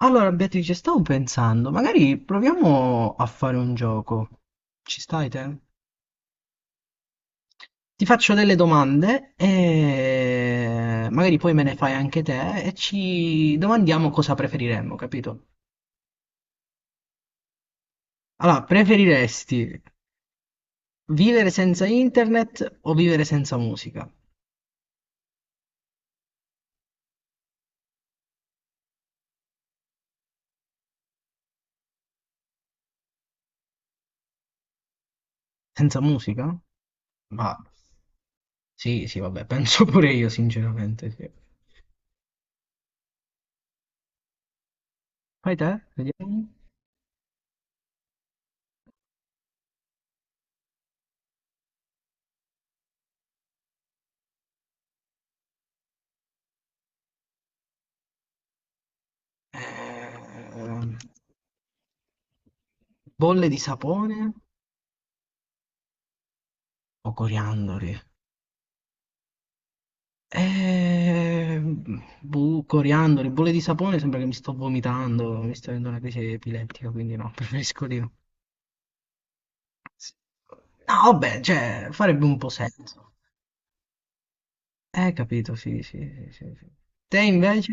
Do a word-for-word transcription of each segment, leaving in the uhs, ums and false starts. Allora, Beatrice, stavo pensando, magari proviamo a fare un gioco. Ci stai te? Ti faccio delle domande e magari poi me ne fai anche te e ci domandiamo cosa preferiremmo, capito? Allora, preferiresti vivere senza internet o vivere senza musica? Senza musica? Ma sì, sì, vabbè, penso pure io, sinceramente, sì. Fai te, vediamo. Eh, bolle di sapone o coriandoli? Ehm, boh, coriandoli, bolle di sapone, sembra che mi sto vomitando, mi sto avendo una crisi epilettica, quindi no, preferisco di no. Sì. No, vabbè, cioè, farebbe un po' senso. Eh, capito, sì, sì, sì, sì, sì. Te invece?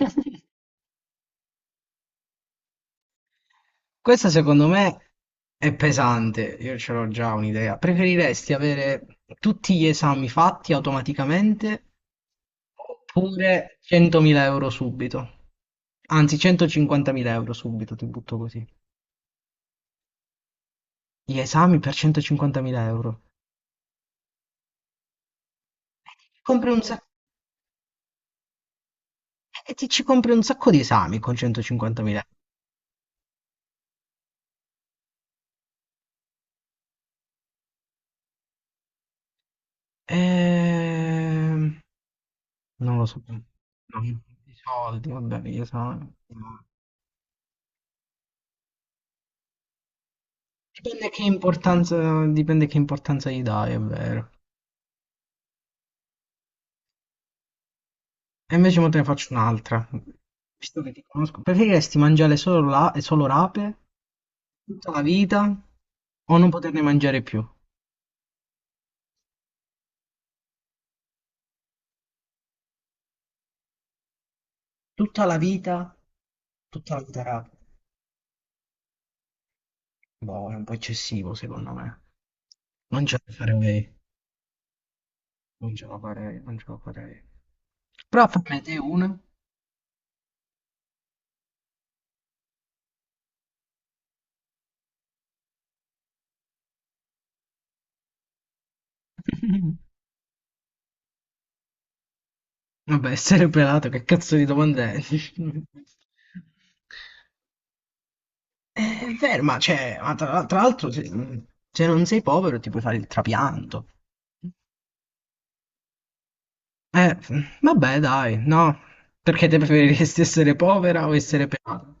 Questa secondo me è pesante, io ce l'ho già un'idea. Preferiresti avere tutti gli esami fatti automaticamente oppure centomila euro subito? Anzi, centocinquantamila euro subito, ti butto così. Gli esami per centocinquantamila euro. Compri un sac- e ti ci compri un sacco di esami con centocinquantamila euro. Ehm, Non lo so. No, i soldi, vabbè, gli esami. Dipende che importanza, dipende che importanza gli dai, è vero. E invece mo te ne faccio un'altra, visto che ti conosco. Preferiresti mangiare solo, la- solo rape tutta la vita o non poterne mangiare più? Tutta la vita, tutta la vita rape. Boh, è un po' eccessivo secondo me. Non ce la farei, non ce la farei, non ce la farei. Però fammi te una. Vabbè, essere pelato, che cazzo di domanda è? Eh, è vero, ma, cioè, ma tra, tra l'altro se, se non sei povero ti puoi fare il trapianto. Eh, vabbè, dai, no. Perché te preferiresti essere povera o essere pelata?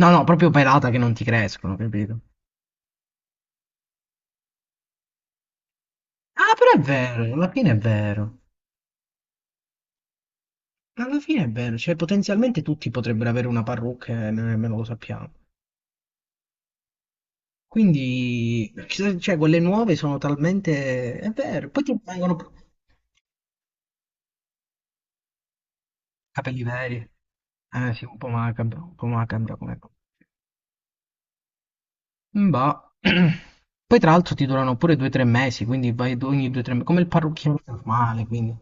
No, no, proprio pelata che non ti crescono, capito? Ah, però è vero, alla fine è vero. Alla fine è vero, cioè potenzialmente tutti potrebbero avere una parrucca e noi nemmeno lo sappiamo. Quindi, ci- cioè, quelle nuove sono talmente... È vero, poi ti vengono capelli veri. Eh sì, un po' macabro, un po' macabro come... Bah. Poi tra l'altro ti durano pure due o tre mesi, quindi vai d- ogni due o tre mesi, come il parrucchiere normale, quindi.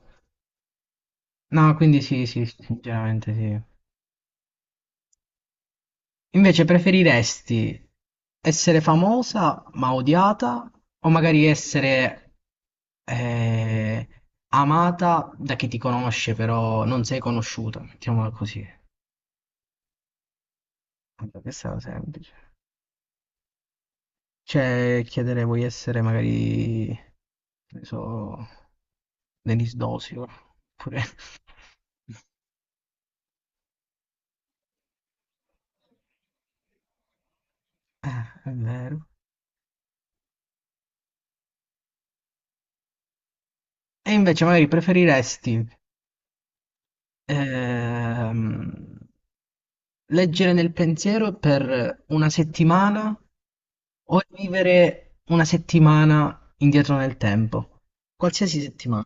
No, quindi sì, sì, sì, sinceramente sì. Invece preferiresti essere famosa ma odiata o magari essere eh, amata da chi ti conosce però non sei conosciuta? Mettiamola così. Vabbè, questa è semplice. Cioè, chiedere vuoi essere magari, che ne so, Denis Dosio, oppure... Eh, è vero. E invece magari preferiresti ehm, leggere nel pensiero per una settimana o vivere una settimana indietro nel tempo? Qualsiasi settimana,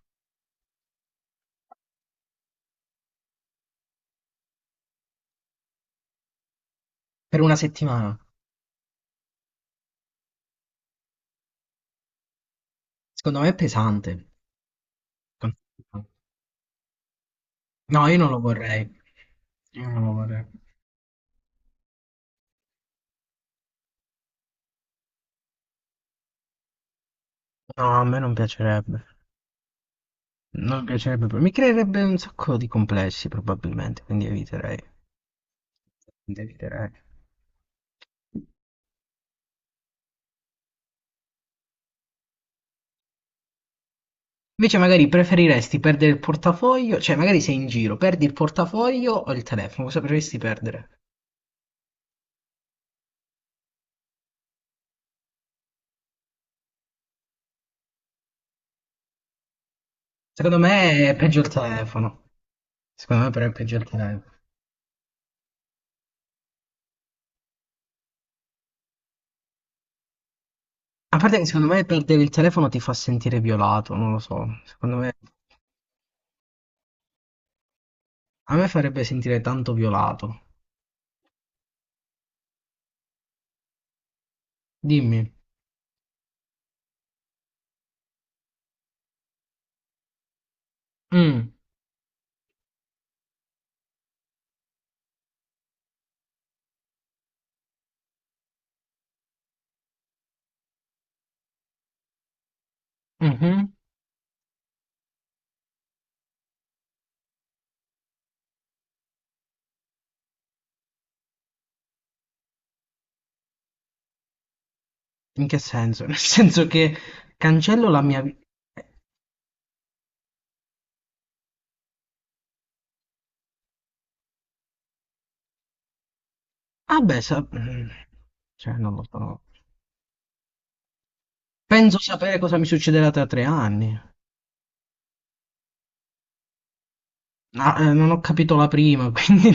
per una settimana. Secondo me è pesante. No, io non lo vorrei. Io non lo vorrei. No, a me non piacerebbe. Non piacerebbe, pro- mi creerebbe un sacco di complessi probabilmente, quindi eviterei. quindi eviterei. Invece magari preferiresti perdere il portafoglio, cioè magari sei in giro, perdi il portafoglio o il telefono, cosa preferiresti perdere? Secondo me è peggio il telefono. Secondo me però è peggio il telefono. A parte che secondo me perdere il telefono ti fa sentire violato, non lo so. Secondo me a me farebbe sentire tanto violato. Dimmi. Mm, mhm. In che senso? Nel senso che cancello la mia vi ah beh sa mhmm, cioè non lo so. Penso sapere cosa mi succederà tra tre anni. Ah, ehm, non ho capito la prima, quindi...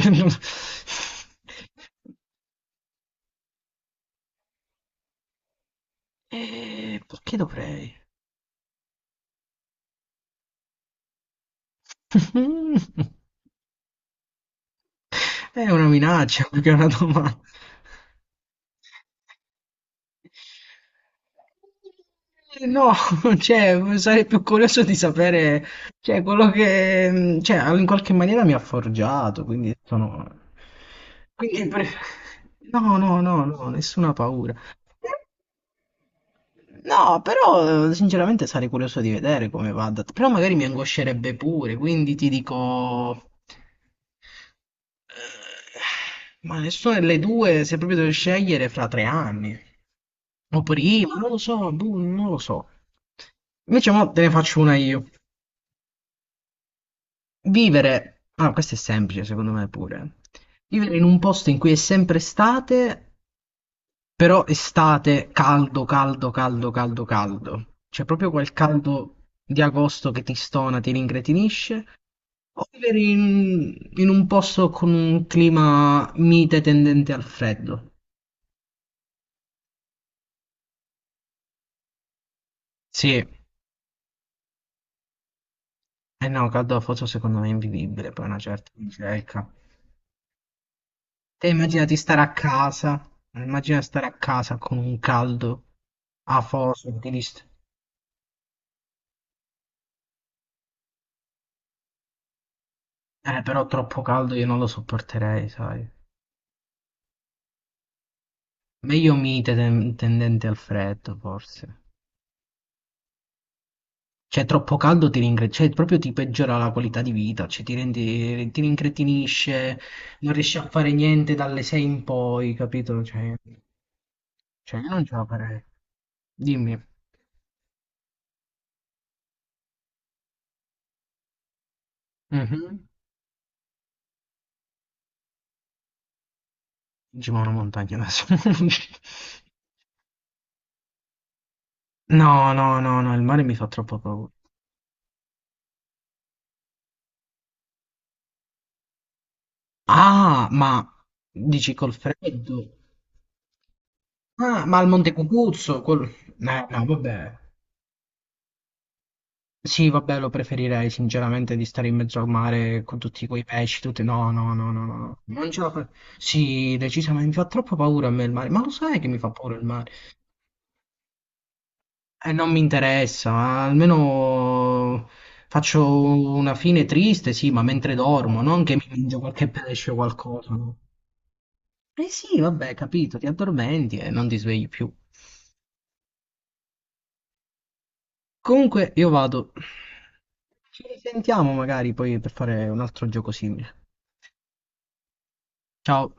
Eh, perché dovrei? È una minaccia più che una domanda. No, cioè, sarei più curioso di sapere, cioè, quello che, mh, cioè, in qualche maniera mi ha forgiato, quindi sono... Quindi, pre- no, no, no, no, nessuna paura. No, però, sinceramente, sarei curioso di vedere come va. Però magari mi angoscerebbe pure, quindi ti dico... Eh, ma nessuna delle due, se proprio devo scegliere, fra tre anni. O prima, non lo so, boh, non lo so. Invece mo te ne faccio una io. Vivere, ah, questo è semplice secondo me pure. Vivere in un posto in cui è sempre estate, però estate caldo, caldo, caldo, caldo, caldo. Cioè proprio quel caldo di agosto che ti stona, ti rincretinisce. O vivere in, in un posto con un clima mite tendente al freddo. Sì, eh no, Caldofo secondo me è invivibile, poi una certa ricerca. Te immaginati stare a casa, immagina stare a casa con un caldo a fosso, di list- Eh, però troppo caldo io non lo sopporterei, sai. Meglio mite ten- tendente al freddo, forse. Cioè, troppo caldo ti ringre- cioè, proprio ti peggiora la qualità di vita, cioè ti rendi, ti rincretinisce, non riesci a fare niente dalle sei in poi, capito? Cioè, cioè io non ce la farei. Dimmi. Mhm. Ci ma una montagna adesso. No, no, no, no, il mare mi fa troppo paura. Ah, ma dici col freddo? Ah, ma al Monte Cucuzzo? Col... Eh, no, vabbè. Sì, vabbè, lo preferirei sinceramente di stare in mezzo al mare con tutti quei pesci, tutti... No, no, no, no, no, no. Non ce la fa... Sì, decisamente mi fa troppo paura a me il mare. Ma lo sai che mi fa paura il mare? E non mi interessa, almeno faccio una fine triste, sì, ma mentre dormo, non che mi mangio qualche pesce o qualcosa, no? Eh sì, vabbè, capito, ti addormenti e non ti svegli più. Comunque, io vado. Ci risentiamo magari poi per fare un altro gioco simile. Ciao.